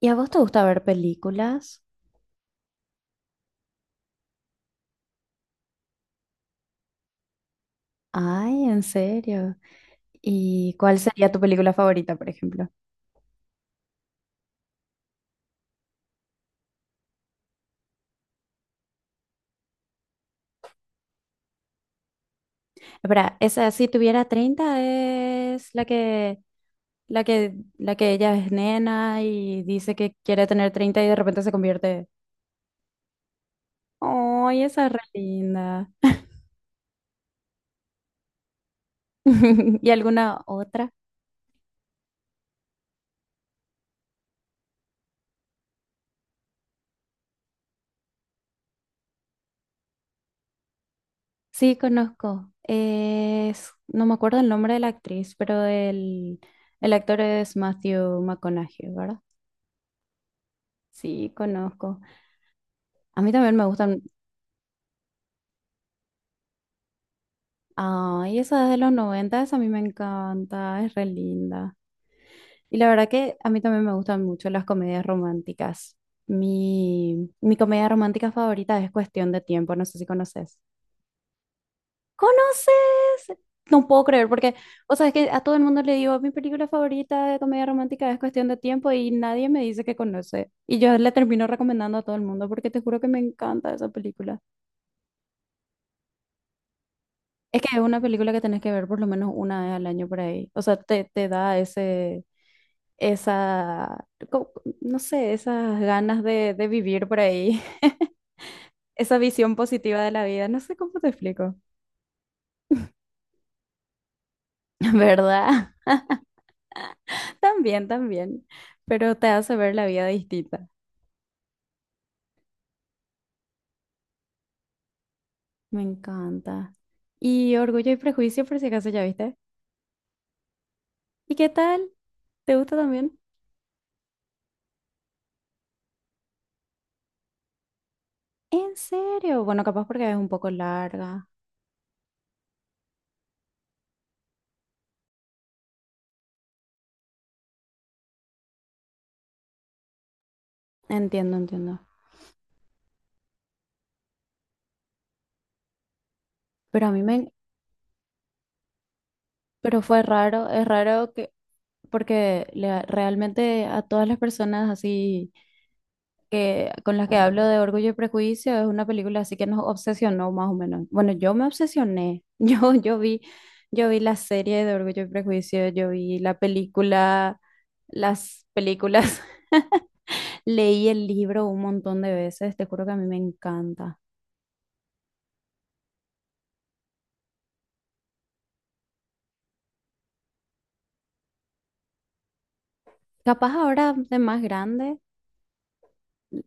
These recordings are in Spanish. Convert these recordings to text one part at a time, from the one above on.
¿Y a vos te gusta ver películas? Ay, en serio. ¿Y cuál sería tu película favorita, por ejemplo? Espera, esa si tuviera 30 es la que ella es nena y dice que quiere tener 30 y de repente se convierte. Ay, esa es re linda. ¿Y alguna otra? Sí, conozco. No me acuerdo el nombre de la actriz, pero el actor es Matthew McConaughey, ¿verdad? Sí, conozco. A mí también me gustan. Ay, esa es de los 90, esa a mí me encanta, es re linda. Y la verdad que a mí también me gustan mucho las comedias románticas. Mi comedia romántica favorita es Cuestión de Tiempo, no sé si conoces. ¿Conoces? No puedo creer, porque, o sea, es que a todo el mundo le digo, mi película favorita de comedia romántica es Cuestión de Tiempo y nadie me dice que conoce. Y yo le termino recomendando a todo el mundo porque te juro que me encanta esa película. Es que es una película que tenés que ver por lo menos una vez al año por ahí. O sea, te da esa, co- no sé, esas ganas de vivir por ahí, esa visión positiva de la vida, no sé cómo te explico, ¿verdad? También, también, pero te hace ver la vida distinta. Me encanta. Y Orgullo y Prejuicio, por si acaso ya viste. ¿Y qué tal? ¿Te gusta también? ¿En serio? Bueno, capaz porque es un poco larga. Entiendo, entiendo. Pero a mí me... Pero fue raro, es raro que... porque realmente a todas las personas así que con las que hablo de Orgullo y Prejuicio es una película así que nos obsesionó más o menos. Bueno, yo me obsesioné. Yo vi la serie de Orgullo y Prejuicio, yo vi la película, las películas. Leí el libro un montón de veces, te juro que a mí me encanta. Capaz ahora de más grande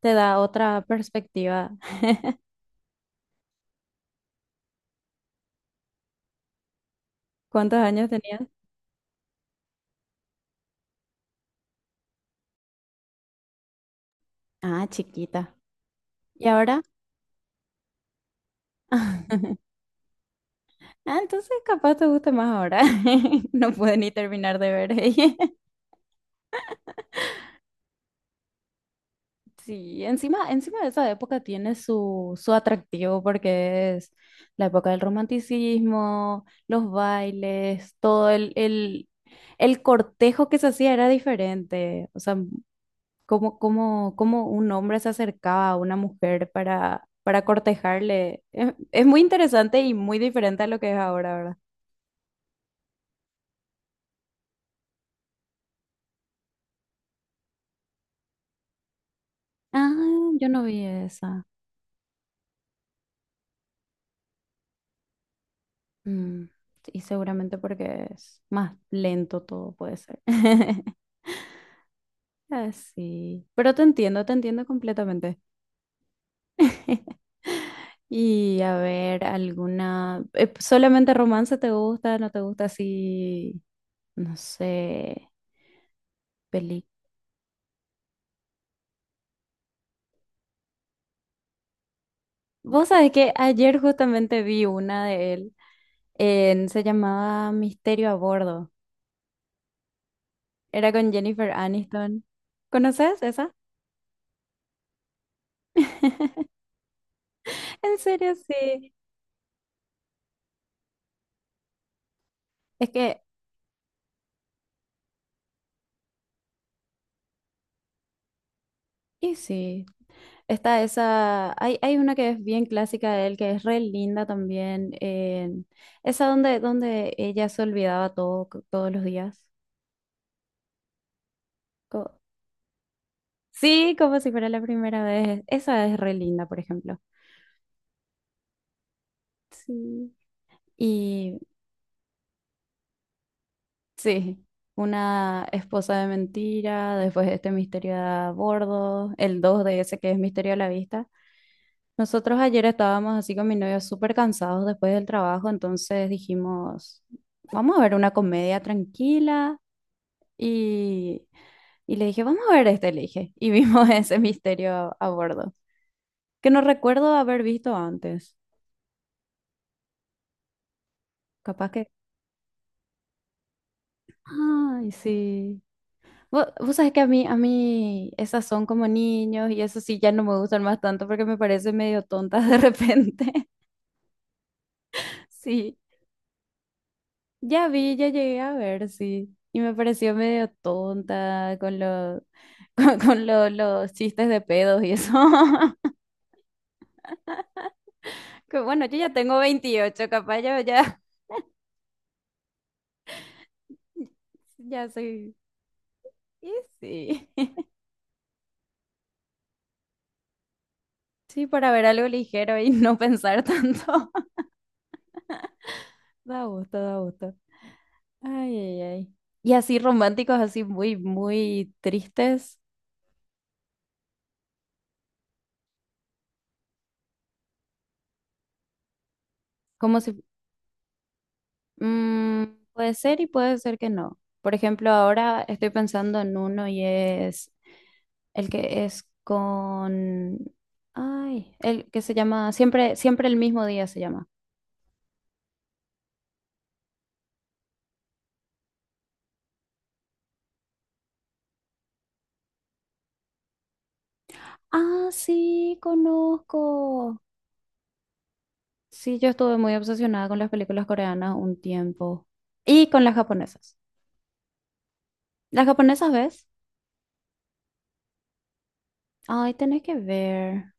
te da otra perspectiva. ¿Cuántos años tenías? Ah, chiquita. ¿Y ahora? Ah, entonces capaz te guste más ahora. No pude ni terminar de ver. Ella. Sí, encima, encima de esa época tiene su atractivo porque es la época del romanticismo, los bailes, todo el cortejo que se hacía era diferente. O sea, cómo un hombre se acercaba a una mujer para, cortejarle. Es muy interesante y muy diferente a lo que es ahora, ¿verdad? Ah, yo no vi esa. Mm, y seguramente porque es más lento todo puede ser. Así. Pero te entiendo completamente. Y a ver, alguna... ¿solamente romance te gusta? ¿No te gusta así? No sé, peli. Vos sabés que ayer justamente vi una de él. Se llamaba Misterio a Bordo. Era con Jennifer Aniston. ¿Conoces esa? En serio, sí. Es que, y sí. Está esa, hay una que es bien clásica de él, que es re linda también, esa donde, ella se olvidaba todo, todos los días. Co- sí, como si fuera la primera vez. Esa es re linda, por ejemplo. Sí. Y sí, una esposa de mentira, después este misterio a bordo, el 2 de ese que es misterio a la vista. Nosotros ayer estábamos así con mi novio súper cansados después del trabajo, entonces dijimos, vamos a ver una comedia tranquila y, y le dije, vamos a ver este, le dije, y vimos ese misterio a bordo, que no recuerdo haber visto antes, capaz que... Ay, sí. Vos sabés que a mí esas son como niños y eso sí ya no me gustan más tanto porque me parecen medio tontas de repente. Sí, ya llegué a ver, sí. Y me pareció medio tonta con los, los chistes de pedos y eso. Que bueno, yo ya tengo 28 capaz yo ya, ya soy... Y sí. Sí, para ver algo ligero y no pensar tanto. Da gusto, da gusto. Ay, ay, ay. Y así románticos, así muy, muy tristes, como si... mm, puede ser y puede ser que no. Por ejemplo, ahora estoy pensando en uno y es el que es con... Ay, el que se llama... Siempre el mismo día se llama. Ah, sí, conozco. Sí, yo estuve muy obsesionada con las películas coreanas un tiempo. Y con las japonesas. ¿Las japonesas ves? Ay, tenés que ver.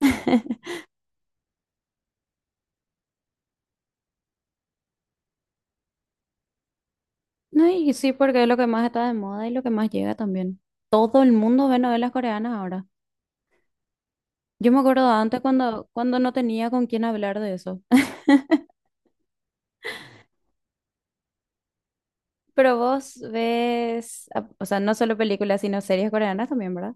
No, y sí, porque es lo que más está de moda y lo que más llega también. Todo el mundo ve novelas coreanas ahora. Yo me acuerdo antes cuando no tenía con quién hablar de eso. Pero vos ves, o sea, no solo películas, sino series coreanas también, ¿verdad?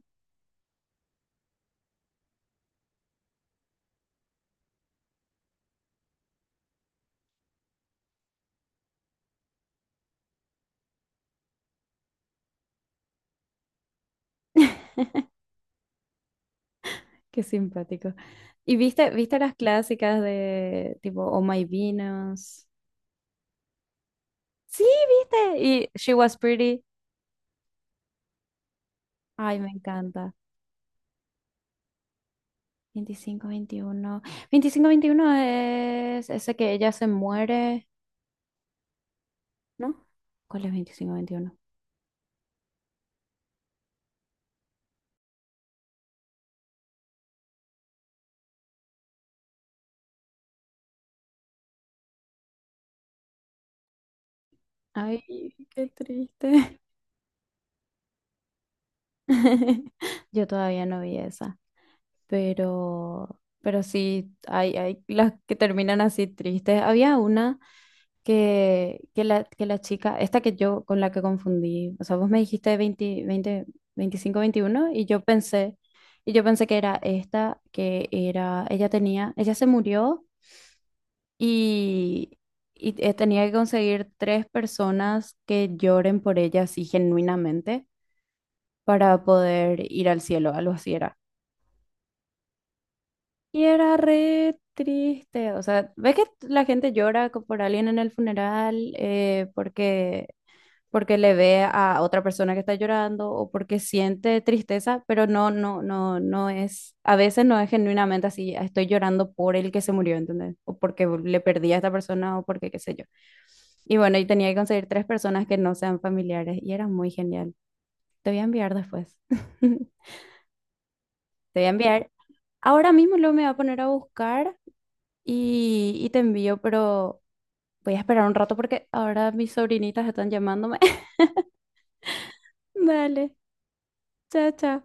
Qué simpático. ¿Y viste las clásicas de tipo Oh My Venus? Sí, viste. Y She Was Pretty. Ay, me encanta. 25 21 25 21 es ese que ella se muere, ¿no? ¿Cuál es veinticinco veintiuno? Ay, qué triste. Yo todavía no vi esa, pero sí, hay las que terminan así tristes. Había una que la chica, esta que yo con la que confundí, o sea, vos me dijiste 20, 20, 25, 21 y yo pensé, que era esta, que era, ella tenía, ella se murió y, y tenía que conseguir tres personas que lloren por ella así genuinamente. Para poder ir al cielo, algo así era. Y era re triste, o sea, ves que la gente llora por alguien en el funeral porque le ve a otra persona que está llorando o porque siente tristeza, pero no, no, no, no es, a veces no es genuinamente así, "Ah, estoy llorando por el que se murió", ¿entendés? O porque le perdí a esta persona o porque qué sé yo. Y bueno, y tenía que conseguir tres personas que no sean familiares y era muy genial. Te voy a enviar después. Te voy a enviar. Ahora mismo luego me voy a poner a buscar y te envío, pero voy a esperar un rato porque ahora mis sobrinitas están llamándome. Dale, chao, chao.